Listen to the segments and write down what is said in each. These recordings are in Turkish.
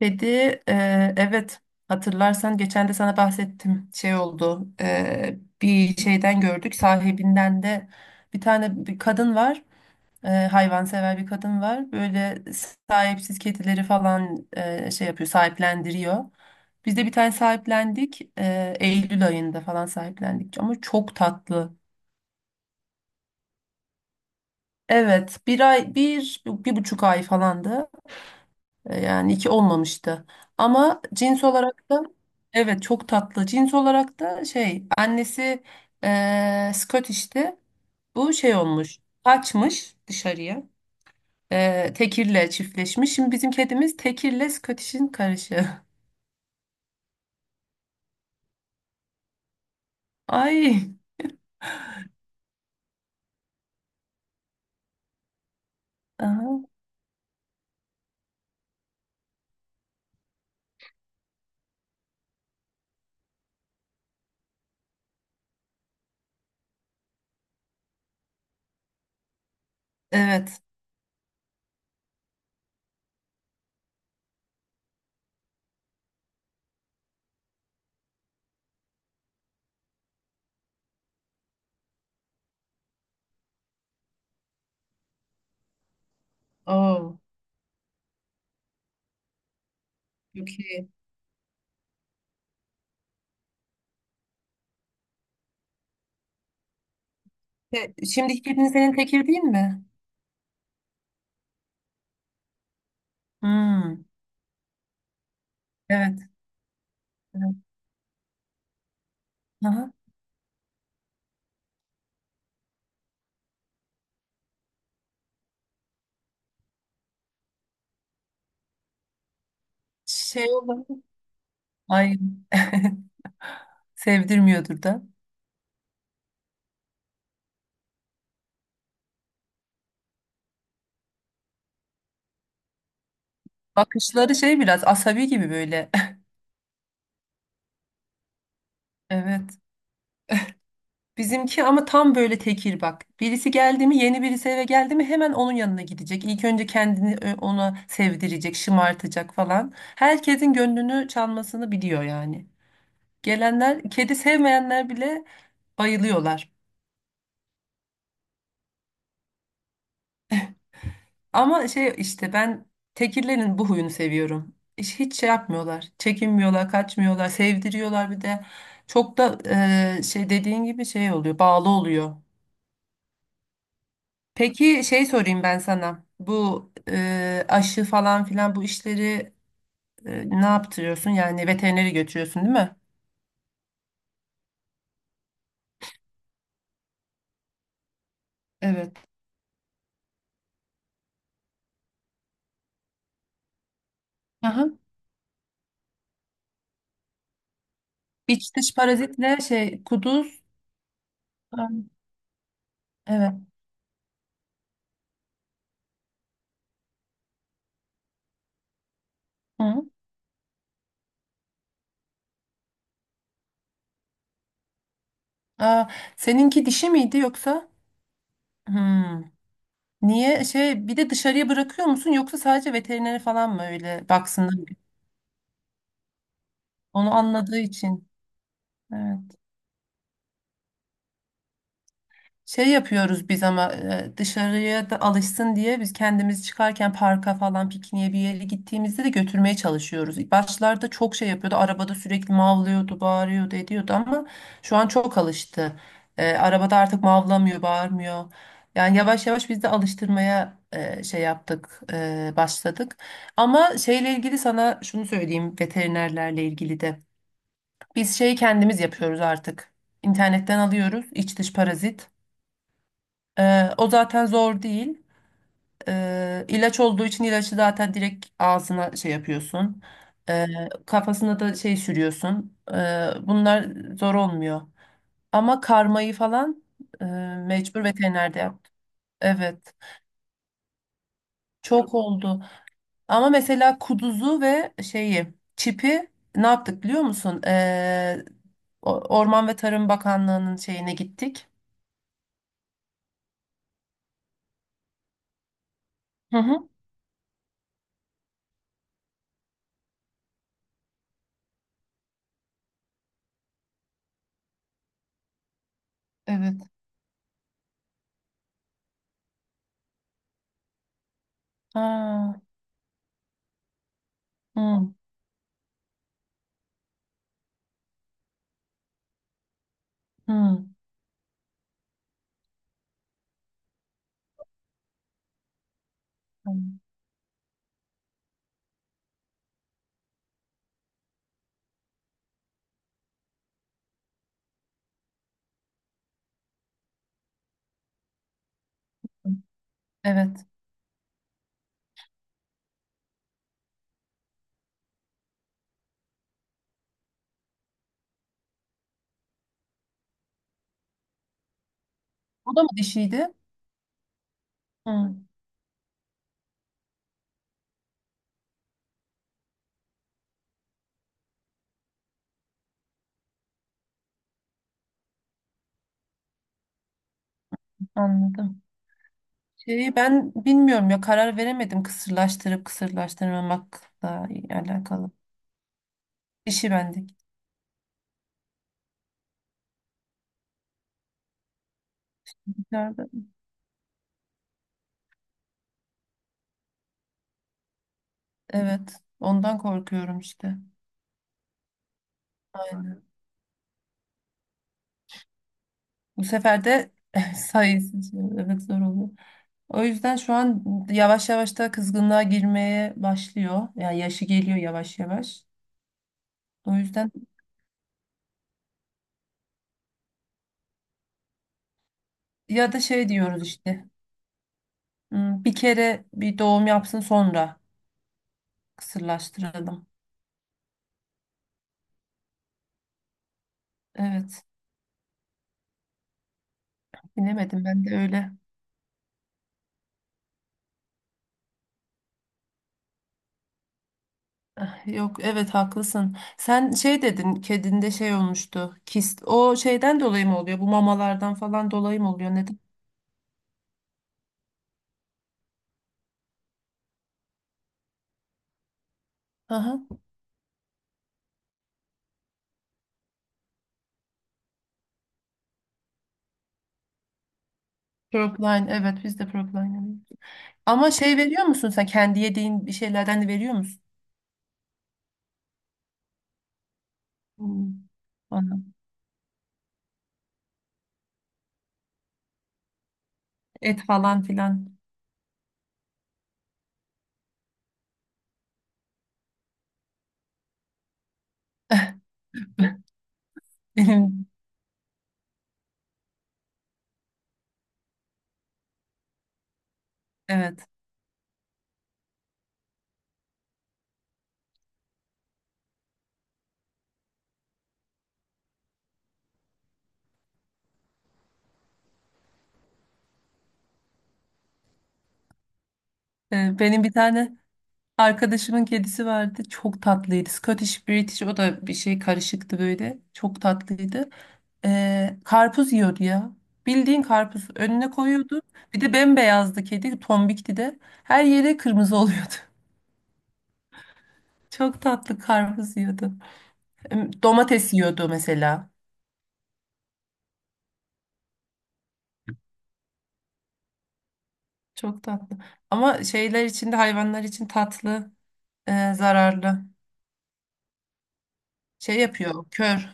Kedi, evet hatırlarsan geçen de sana bahsettim şey oldu, bir şeyden gördük sahibinden de. Bir tane bir kadın var, hayvansever bir kadın var böyle, sahipsiz kedileri falan, şey yapıyor, sahiplendiriyor. Biz de bir tane sahiplendik, Eylül ayında falan sahiplendik ama çok tatlı. Evet, bir ay, bir buçuk ay falandı. Yani iki olmamıştı. Ama cins olarak da evet çok tatlı. Cins olarak da şey annesi, Scottish'ti. Bu şey olmuş. Kaçmış dışarıya. Tekirle çiftleşmiş. Şimdi bizim kedimiz tekirle Scottish'in karışı. Ay. Aha. Evet. Oo. Çok iyi. Şimdiki kedin senin tekir değil mi? Hmm. Evet. Evet. Aha. Şey olabilir. Ay. Sevdirmiyordur da. Bakışları şey biraz asabi gibi böyle. Evet. Bizimki ama tam böyle tekir bak. Birisi geldi mi, yeni birisi eve geldi mi hemen onun yanına gidecek. İlk önce kendini ö- ona sevdirecek, şımartacak falan. Herkesin gönlünü çalmasını biliyor yani. Gelenler, kedi sevmeyenler bile bayılıyorlar. Ama şey işte ben tekirlerin bu huyunu seviyorum. Hiç şey yapmıyorlar. Çekinmiyorlar, kaçmıyorlar, sevdiriyorlar bir de. Çok da, şey dediğin gibi şey oluyor, bağlı oluyor. Peki şey sorayım ben sana. Bu, aşı falan filan, bu işleri, ne yaptırıyorsun? Yani veterineri götürüyorsun değil mi? Evet. Aha. İç dış parazitle şey kuduz. Aa. Evet. Hı. Aa, seninki dişi miydi yoksa? Hmm. Niye şey bir de dışarıya bırakıyor musun yoksa sadece veterinere falan mı öyle baksın? Onu anladığı için. Evet. Şey yapıyoruz biz ama, dışarıya da alışsın diye biz kendimiz çıkarken parka falan, pikniğe bir yere gittiğimizde de götürmeye çalışıyoruz. Başlarda çok şey yapıyordu. Arabada sürekli mavlıyordu, bağırıyordu, ediyordu ama şu an çok alıştı. Arabada artık mavlamıyor, bağırmıyor. Yani yavaş yavaş biz de alıştırmaya, şey yaptık, başladık. Ama şeyle ilgili sana şunu söyleyeyim, veterinerlerle ilgili de. Biz şeyi kendimiz yapıyoruz artık. İnternetten alıyoruz iç dış parazit. O zaten zor değil. İlaç olduğu için ilacı zaten direkt ağzına şey yapıyorsun. Ee, Kafasına da şey sürüyorsun. Bunlar zor olmuyor. Ama karmayı falan, e, mecbur veterinerde yaptım. Evet. Çok oldu. Ama mesela kuduzu ve şeyi, çipi ne yaptık biliyor musun? Orman ve Tarım Bakanlığı'nın şeyine gittik. Hı hı. Evet. Ha. Hı, hı. Evet. O da mı dişiydi? Hı, anladım. Şeyi ben bilmiyorum ya, karar veremedim kısırlaştırıp kısırlaştırmamakla alakalı. Dişi bende. Nerede? Evet. Ondan korkuyorum işte. Aynen. Bu sefer de sayısı için, evet, zor oluyor. O yüzden şu an yavaş yavaş da kızgınlığa girmeye başlıyor. Yani yaşı geliyor yavaş yavaş. O yüzden ya da şey diyoruz işte. Hmm, bir kere bir doğum yapsın sonra kısırlaştıralım. Evet. Bilemedim ben de öyle. Ah. Yok, evet, haklısın. Sen şey dedin, kedinde şey olmuştu. Kist. O şeyden dolayı mı oluyor? Bu mamalardan falan dolayı mı oluyor? Neden? Aha. Propline, evet, biz de propline alıyoruz. Ama şey veriyor musun sen, kendi yediğin bir şeylerden de veriyor musun? Hmm. Anladım. Et falan filan. Benim evet. Benim bir tane arkadaşımın kedisi vardı. Çok tatlıydı. Scottish British, o da bir şey karışıktı böyle. Çok tatlıydı. Karpuz yiyordu ya. Bildiğin karpuz önüne koyuyordu. Bir de bembeyazdı kedi. Tombikti de. Her yere kırmızı oluyordu. Çok tatlı, karpuz yiyordu. Em, domates yiyordu mesela. Çok tatlı. Ama şeyler için de, hayvanlar için tatlı, zararlı. Şey yapıyor,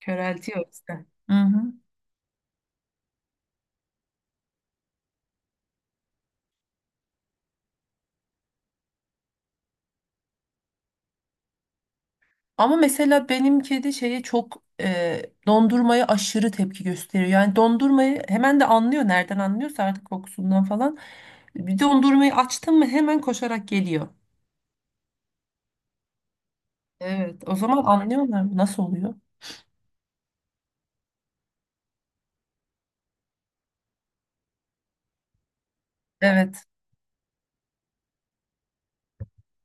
köreltiyor işte. Hı hı. Ama mesela benim kedi şeye çok, dondurmaya aşırı tepki gösteriyor. Yani dondurmayı hemen de anlıyor. Nereden anlıyorsa artık, kokusundan falan. Bir dondurmayı açtın mı hemen koşarak geliyor. Evet. O zaman anlıyorlar mı? Nasıl oluyor? Evet.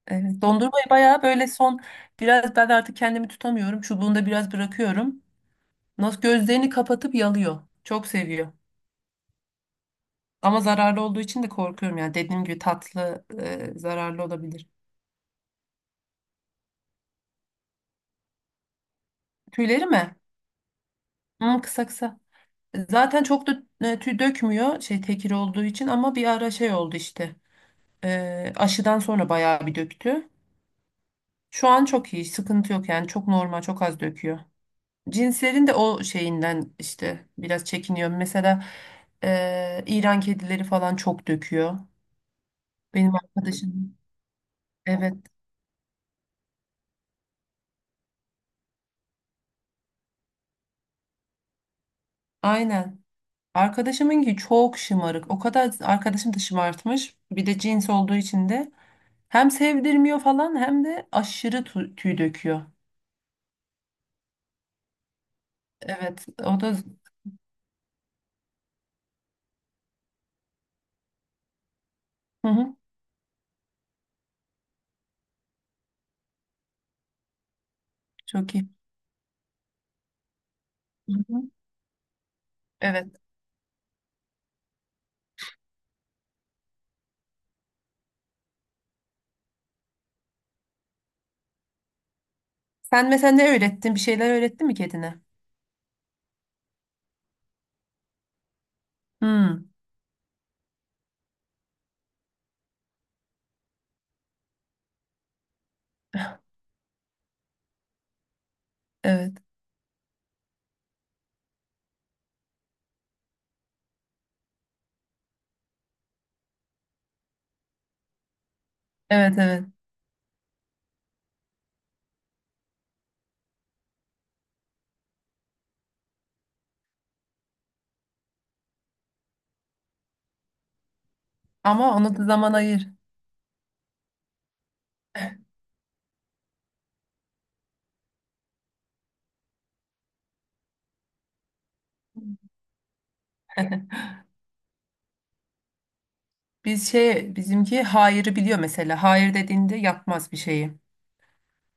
Evet. Dondurmayı bayağı böyle son biraz ben artık kendimi tutamıyorum. Çubuğunda biraz bırakıyorum. Nasıl gözlerini kapatıp yalıyor. Çok seviyor. Ama zararlı olduğu için de korkuyorum yani. Dediğim gibi tatlı, zararlı olabilir. Tüyleri mi? Hmm, kısa kısa. Zaten çok da, tüy dökmüyor şey tekir olduğu için, ama bir ara şey oldu işte. Aşıdan sonra bayağı bir döktü. Şu an çok iyi, sıkıntı yok yani, çok normal, çok az döküyor. Cinslerin de o şeyinden işte biraz çekiniyorum. Mesela, İran kedileri falan çok döküyor. Benim arkadaşım evet, aynen. Arkadaşımınki çok şımarık. O kadar arkadaşım da şımartmış. Bir de cins olduğu için de hem sevdirmiyor falan hem de aşırı tüy döküyor. Evet, o da hı hı, çok iyi. Hı hı. Evet. Sen mesela ne öğrettin? Bir şeyler öğrettin mi kedine? Hmm, evet. Evet, evet. Ama onu da zaman ayır. Biz şey, bizimki hayırı biliyor mesela. Hayır dediğinde yapmaz bir şeyi.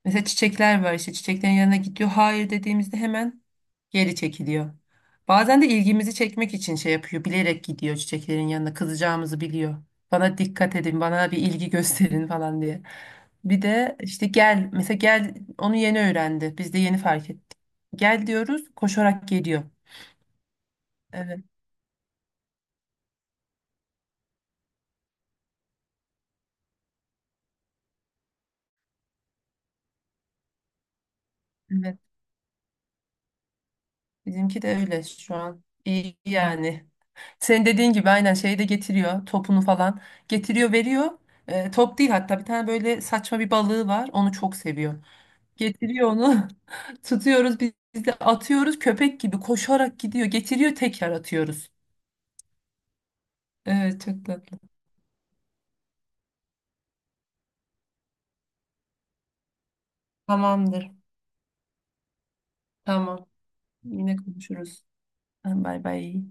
Mesela çiçekler var işte, çiçeklerin yanına gidiyor. Hayır dediğimizde hemen geri çekiliyor. Bazen de ilgimizi çekmek için şey yapıyor. Bilerek gidiyor çiçeklerin yanına. Kızacağımızı biliyor. Bana dikkat edin, bana bir ilgi gösterin falan diye. Bir de işte gel, mesela gel, onu yeni öğrendi. Biz de yeni fark ettik. Gel diyoruz, koşarak geliyor. Evet, evet. Bizimki de öyle şu an. İyi yani. Senin dediğin gibi aynen şeyi de getiriyor. Topunu falan. Getiriyor, veriyor. Top değil hatta, bir tane böyle saçma bir balığı var. Onu çok seviyor. Getiriyor onu. Tutuyoruz biz de atıyoruz, köpek gibi koşarak gidiyor. Getiriyor, tekrar atıyoruz. Evet, çok tatlı. Tamamdır. Tamam. Yine konuşuruz. Tamam, bay bay.